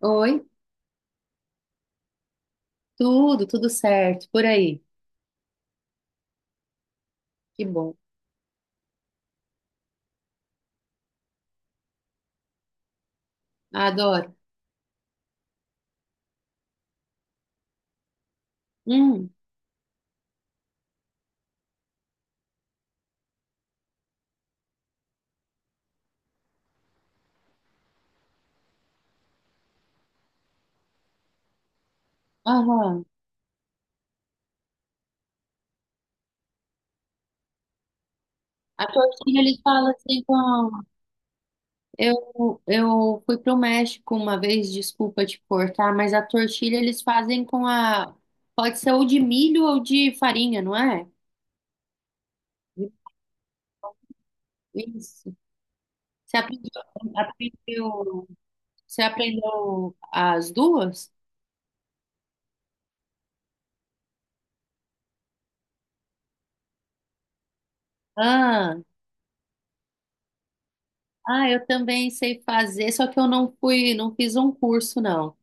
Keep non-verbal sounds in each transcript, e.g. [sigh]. Oi, tudo, tudo certo, por aí. Que bom, adoro. Hum, aham. A torcida eles falam assim, com eu fui pro México uma vez, desculpa te cortar, mas a tortilha eles fazem com a, pode ser ou de milho ou de farinha, não é? Isso. Você aprendeu, aprendeu, você aprendeu as duas? Ah, ah, eu também sei fazer, só que eu não fui, não fiz um curso, não.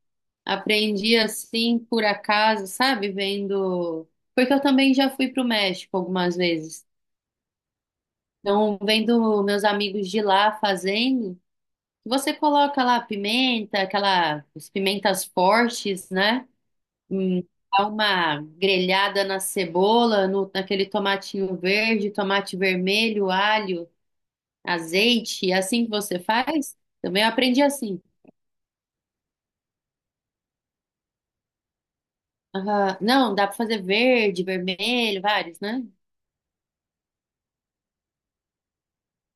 Aprendi assim por acaso, sabe? Vendo. Porque eu também já fui para o México algumas vezes. Então, vendo meus amigos de lá fazendo, você coloca lá pimenta, aquela as pimentas fortes, né? Hum, dá uma grelhada na cebola, no, naquele tomatinho verde, tomate vermelho, alho, azeite. É assim que você faz? Também eu aprendi assim. Aham. Não, dá para fazer verde, vermelho, vários, né?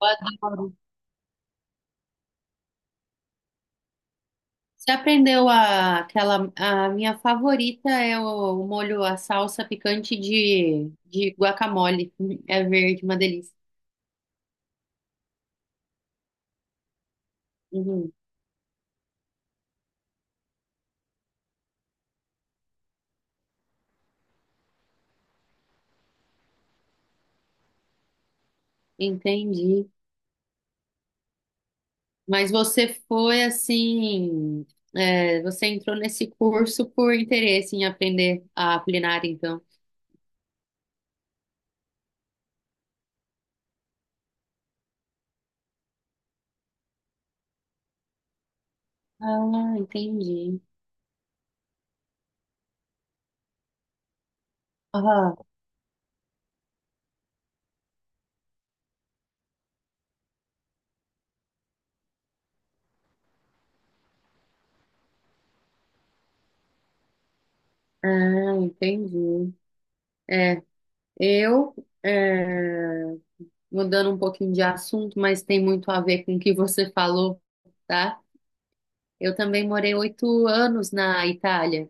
Eu adoro. Você aprendeu a, aquela, a minha favorita é o molho, a salsa picante de guacamole. [laughs] É verde, uma delícia. Uhum, entendi. Mas você foi assim, você entrou nesse curso por interesse em aprender a culinária, então. Ah, entendi. Aham. Ah, entendi. É, eu, é, mudando um pouquinho de assunto, mas tem muito a ver com o que você falou, tá? Eu também morei 8 anos na Itália,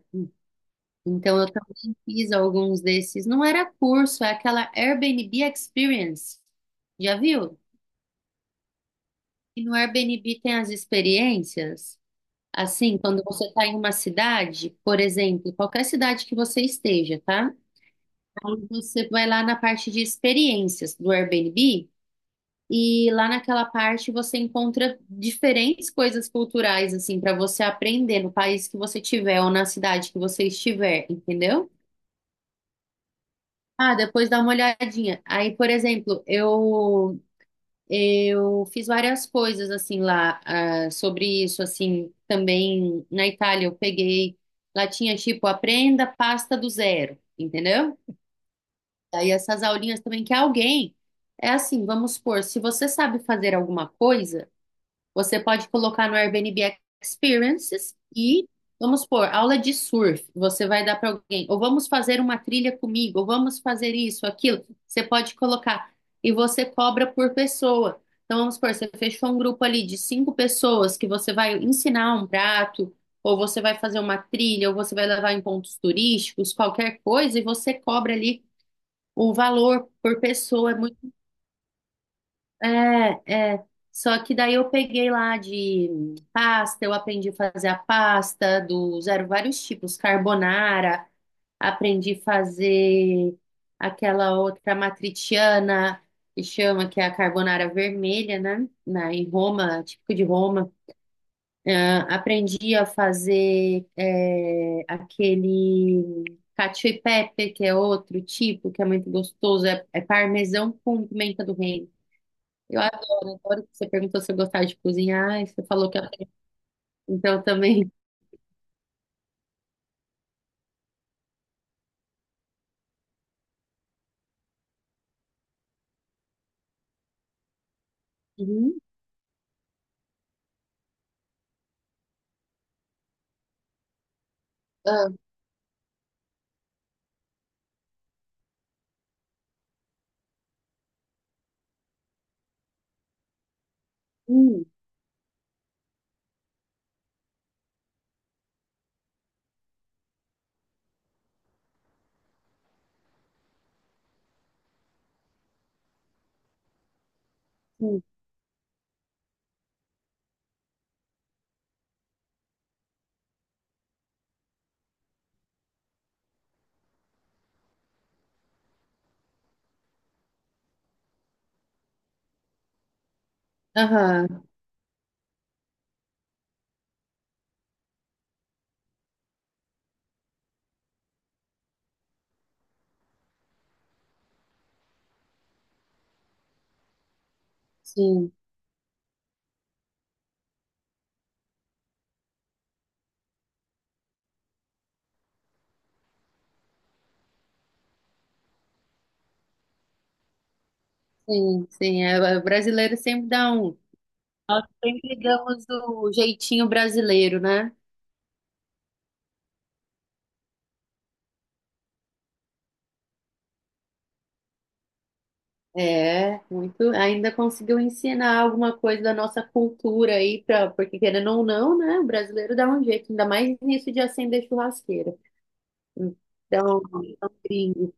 então eu também fiz alguns desses. Não era curso, é aquela Airbnb Experience. Já viu? E no Airbnb tem as experiências. Assim, quando você está em uma cidade, por exemplo, qualquer cidade que você esteja, tá? Aí você vai lá na parte de experiências do Airbnb. E lá naquela parte você encontra diferentes coisas culturais, assim, para você aprender no país que você tiver ou na cidade que você estiver, entendeu? Ah, depois dá uma olhadinha. Aí, por exemplo, eu fiz várias coisas assim lá sobre isso, assim, também na Itália eu peguei, lá tinha tipo aprenda pasta do zero, entendeu? Aí essas aulinhas também que alguém é assim, vamos supor, se você sabe fazer alguma coisa. Você pode colocar no Airbnb Experiences e, vamos pôr, aula de surf. Você vai dar para alguém, ou vamos fazer uma trilha comigo, ou vamos fazer isso, aquilo. Você pode colocar. E você cobra por pessoa. Então, vamos supor, você fechou um grupo ali de cinco pessoas que você vai ensinar um prato, ou você vai fazer uma trilha, ou você vai levar em pontos turísticos, qualquer coisa, e você cobra ali o valor por pessoa. É muito. É, é. Só que daí eu peguei lá de pasta, eu aprendi a fazer a pasta dos, eram vários tipos, carbonara, aprendi a fazer aquela outra matriciana, que chama, que é a carbonara vermelha, né? Em Roma, típico de Roma. Ah, aprendi a fazer aquele cacio e pepe, que é outro tipo, que é muito gostoso, é parmesão com pimenta do reino. Eu adoro, adoro que você perguntou se eu gostava de cozinhar, e você falou que eu... Então também. Uhum. Ah, hum, sim. Aham, sim, sim, sim. É, é, o brasileiro sempre dá um. Nós sempre damos o jeitinho brasileiro, né? É, muito. Ainda conseguiu ensinar alguma coisa da nossa cultura aí, porque querendo ou não, né? O brasileiro dá um jeito, ainda mais nisso de acender churrasqueira. Então, é um gringo.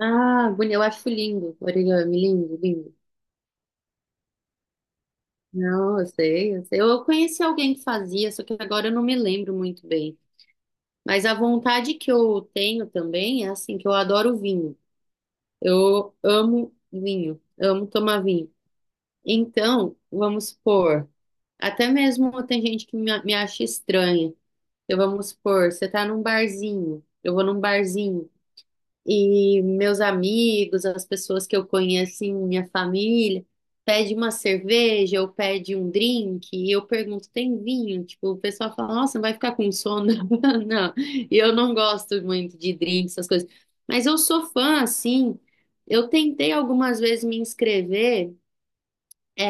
Ah, bonito, eu acho lindo, origami, lindo, lindo. Não, eu sei, eu sei. Eu conheci alguém que fazia, só que agora eu não me lembro muito bem. Mas a vontade que eu tenho também é assim, que eu adoro vinho. Eu amo vinho, amo tomar vinho. Então, vamos supor, até mesmo tem gente que me acha estranha. Eu vamos supor, você tá num barzinho, eu vou num barzinho. E meus amigos, as pessoas que eu conheço, assim, minha família, pede uma cerveja ou pede um drink, e eu pergunto, tem vinho? Tipo, o pessoal fala, nossa, vai ficar com sono? [laughs] Não, e eu não gosto muito de drink, essas coisas. Mas eu sou fã, assim, eu tentei algumas vezes me inscrever, é,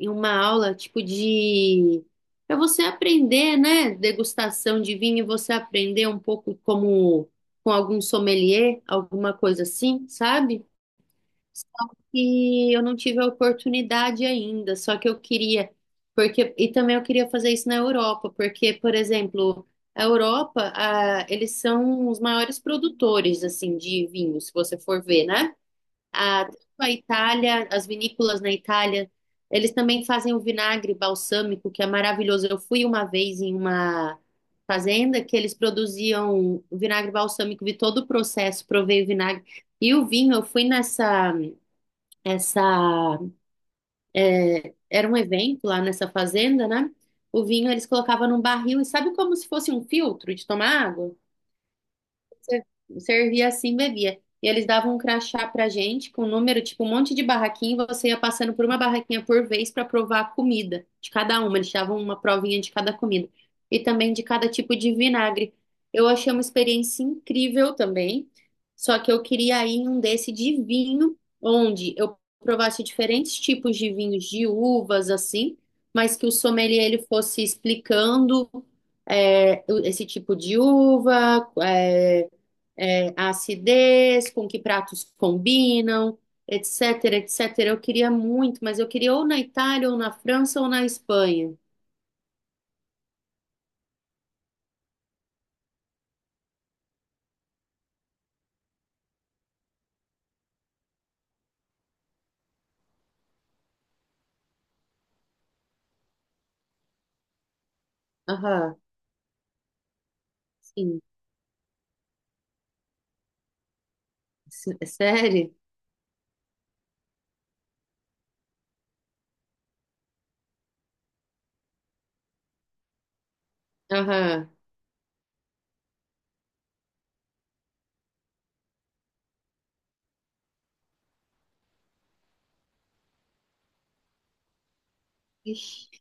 em uma aula tipo de para você aprender, né, degustação de vinho, você aprender um pouco como com algum sommelier, alguma coisa assim, sabe? Só que eu não tive a oportunidade ainda, só que eu queria, porque e também eu queria fazer isso na Europa, porque, por exemplo, a Europa, eles são os maiores produtores assim de vinho, se você for ver, né? Tanto a Itália, as vinícolas na Itália, eles também fazem o vinagre balsâmico, que é maravilhoso. Eu fui uma vez em uma fazenda que eles produziam vinagre balsâmico, vi todo o processo, provei o vinagre. E o vinho, eu fui nessa, essa, era um evento lá nessa fazenda, né? O vinho eles colocavam num barril e sabe como se fosse um filtro de tomar água? Você servia assim, bebia. E eles davam um crachá pra gente com um número, tipo um monte de barraquinha, e você ia passando por uma barraquinha por vez pra provar a comida de cada uma. Eles davam uma provinha de cada comida e também de cada tipo de vinagre. Eu achei uma experiência incrível também. Só que eu queria ir em um desse de vinho, onde eu provasse diferentes tipos de vinhos de uvas, assim, mas que o sommelier ele fosse explicando esse tipo de uva, a acidez, com que pratos combinam, etc, etc. Eu queria muito, mas eu queria ou na Itália, ou na França, ou na Espanha. Aham, sim. É sério? Aham. Ixi.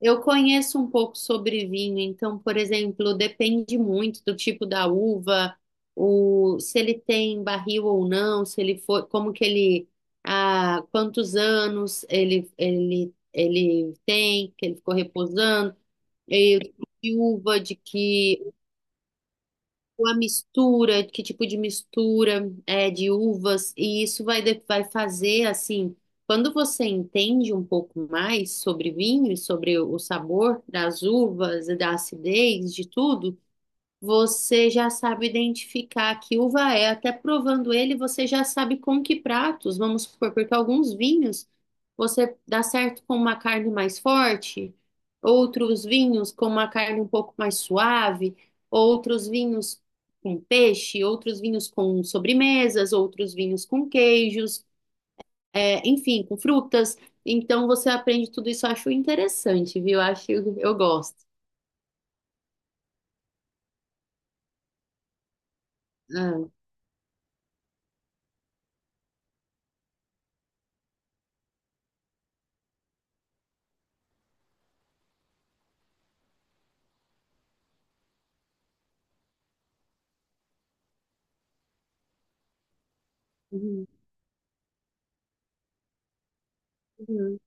Eu conheço um pouco sobre vinho, então, por exemplo, depende muito do tipo da uva, se ele tem barril ou não, se ele foi, como que ele, há quantos anos ele, tem, que ele ficou reposando. Eu tô de uva, de que a mistura, que tipo de mistura é de uvas, e isso vai, vai fazer assim, quando você entende um pouco mais sobre vinho e sobre o sabor das uvas e da acidez, de tudo. Você já sabe identificar que uva é, até provando ele, você já sabe com que pratos, vamos supor, porque alguns vinhos você dá certo com uma carne mais forte, outros vinhos com uma carne um pouco mais suave, outros vinhos com peixe, outros vinhos com sobremesas, outros vinhos com queijos, é, enfim, com frutas. Então você aprende tudo isso, eu acho interessante, viu? Eu acho, eu gosto. Ah, uhum, uhum.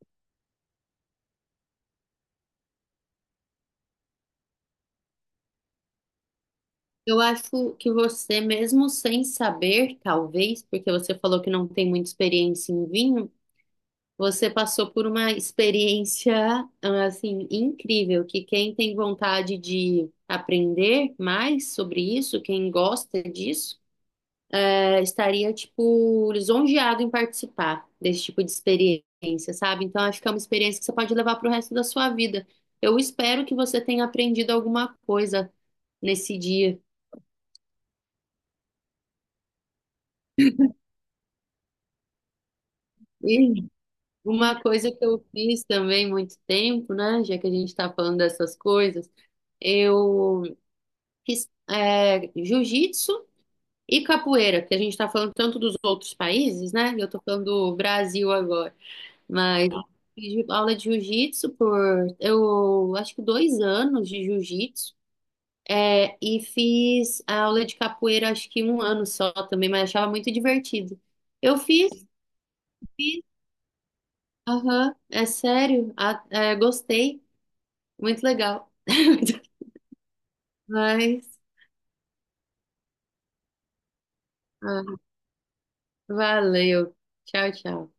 Eu acho que você, mesmo sem saber, talvez, porque você falou que não tem muita experiência em vinho, você passou por uma experiência, assim, incrível, que quem tem vontade de aprender mais sobre isso, quem gosta disso, estaria, tipo, lisonjeado em participar desse tipo de experiência, sabe? Então, acho que é uma experiência que você pode levar para o resto da sua vida. Eu espero que você tenha aprendido alguma coisa nesse dia. [laughs] Uma coisa que eu fiz também muito tempo, né? Já que a gente está falando dessas coisas, eu fiz jiu-jitsu e capoeira, porque a gente está falando tanto dos outros países, né? Eu estou falando do Brasil agora, mas fiz aula de jiu-jitsu por eu acho que 2 anos de jiu-jitsu, e fiz a aula de capoeira acho que um ano só também, mas achava muito divertido. Eu fiz, aham, é sério, gostei. Muito legal. [laughs] Mas, ah, valeu. Tchau, tchau.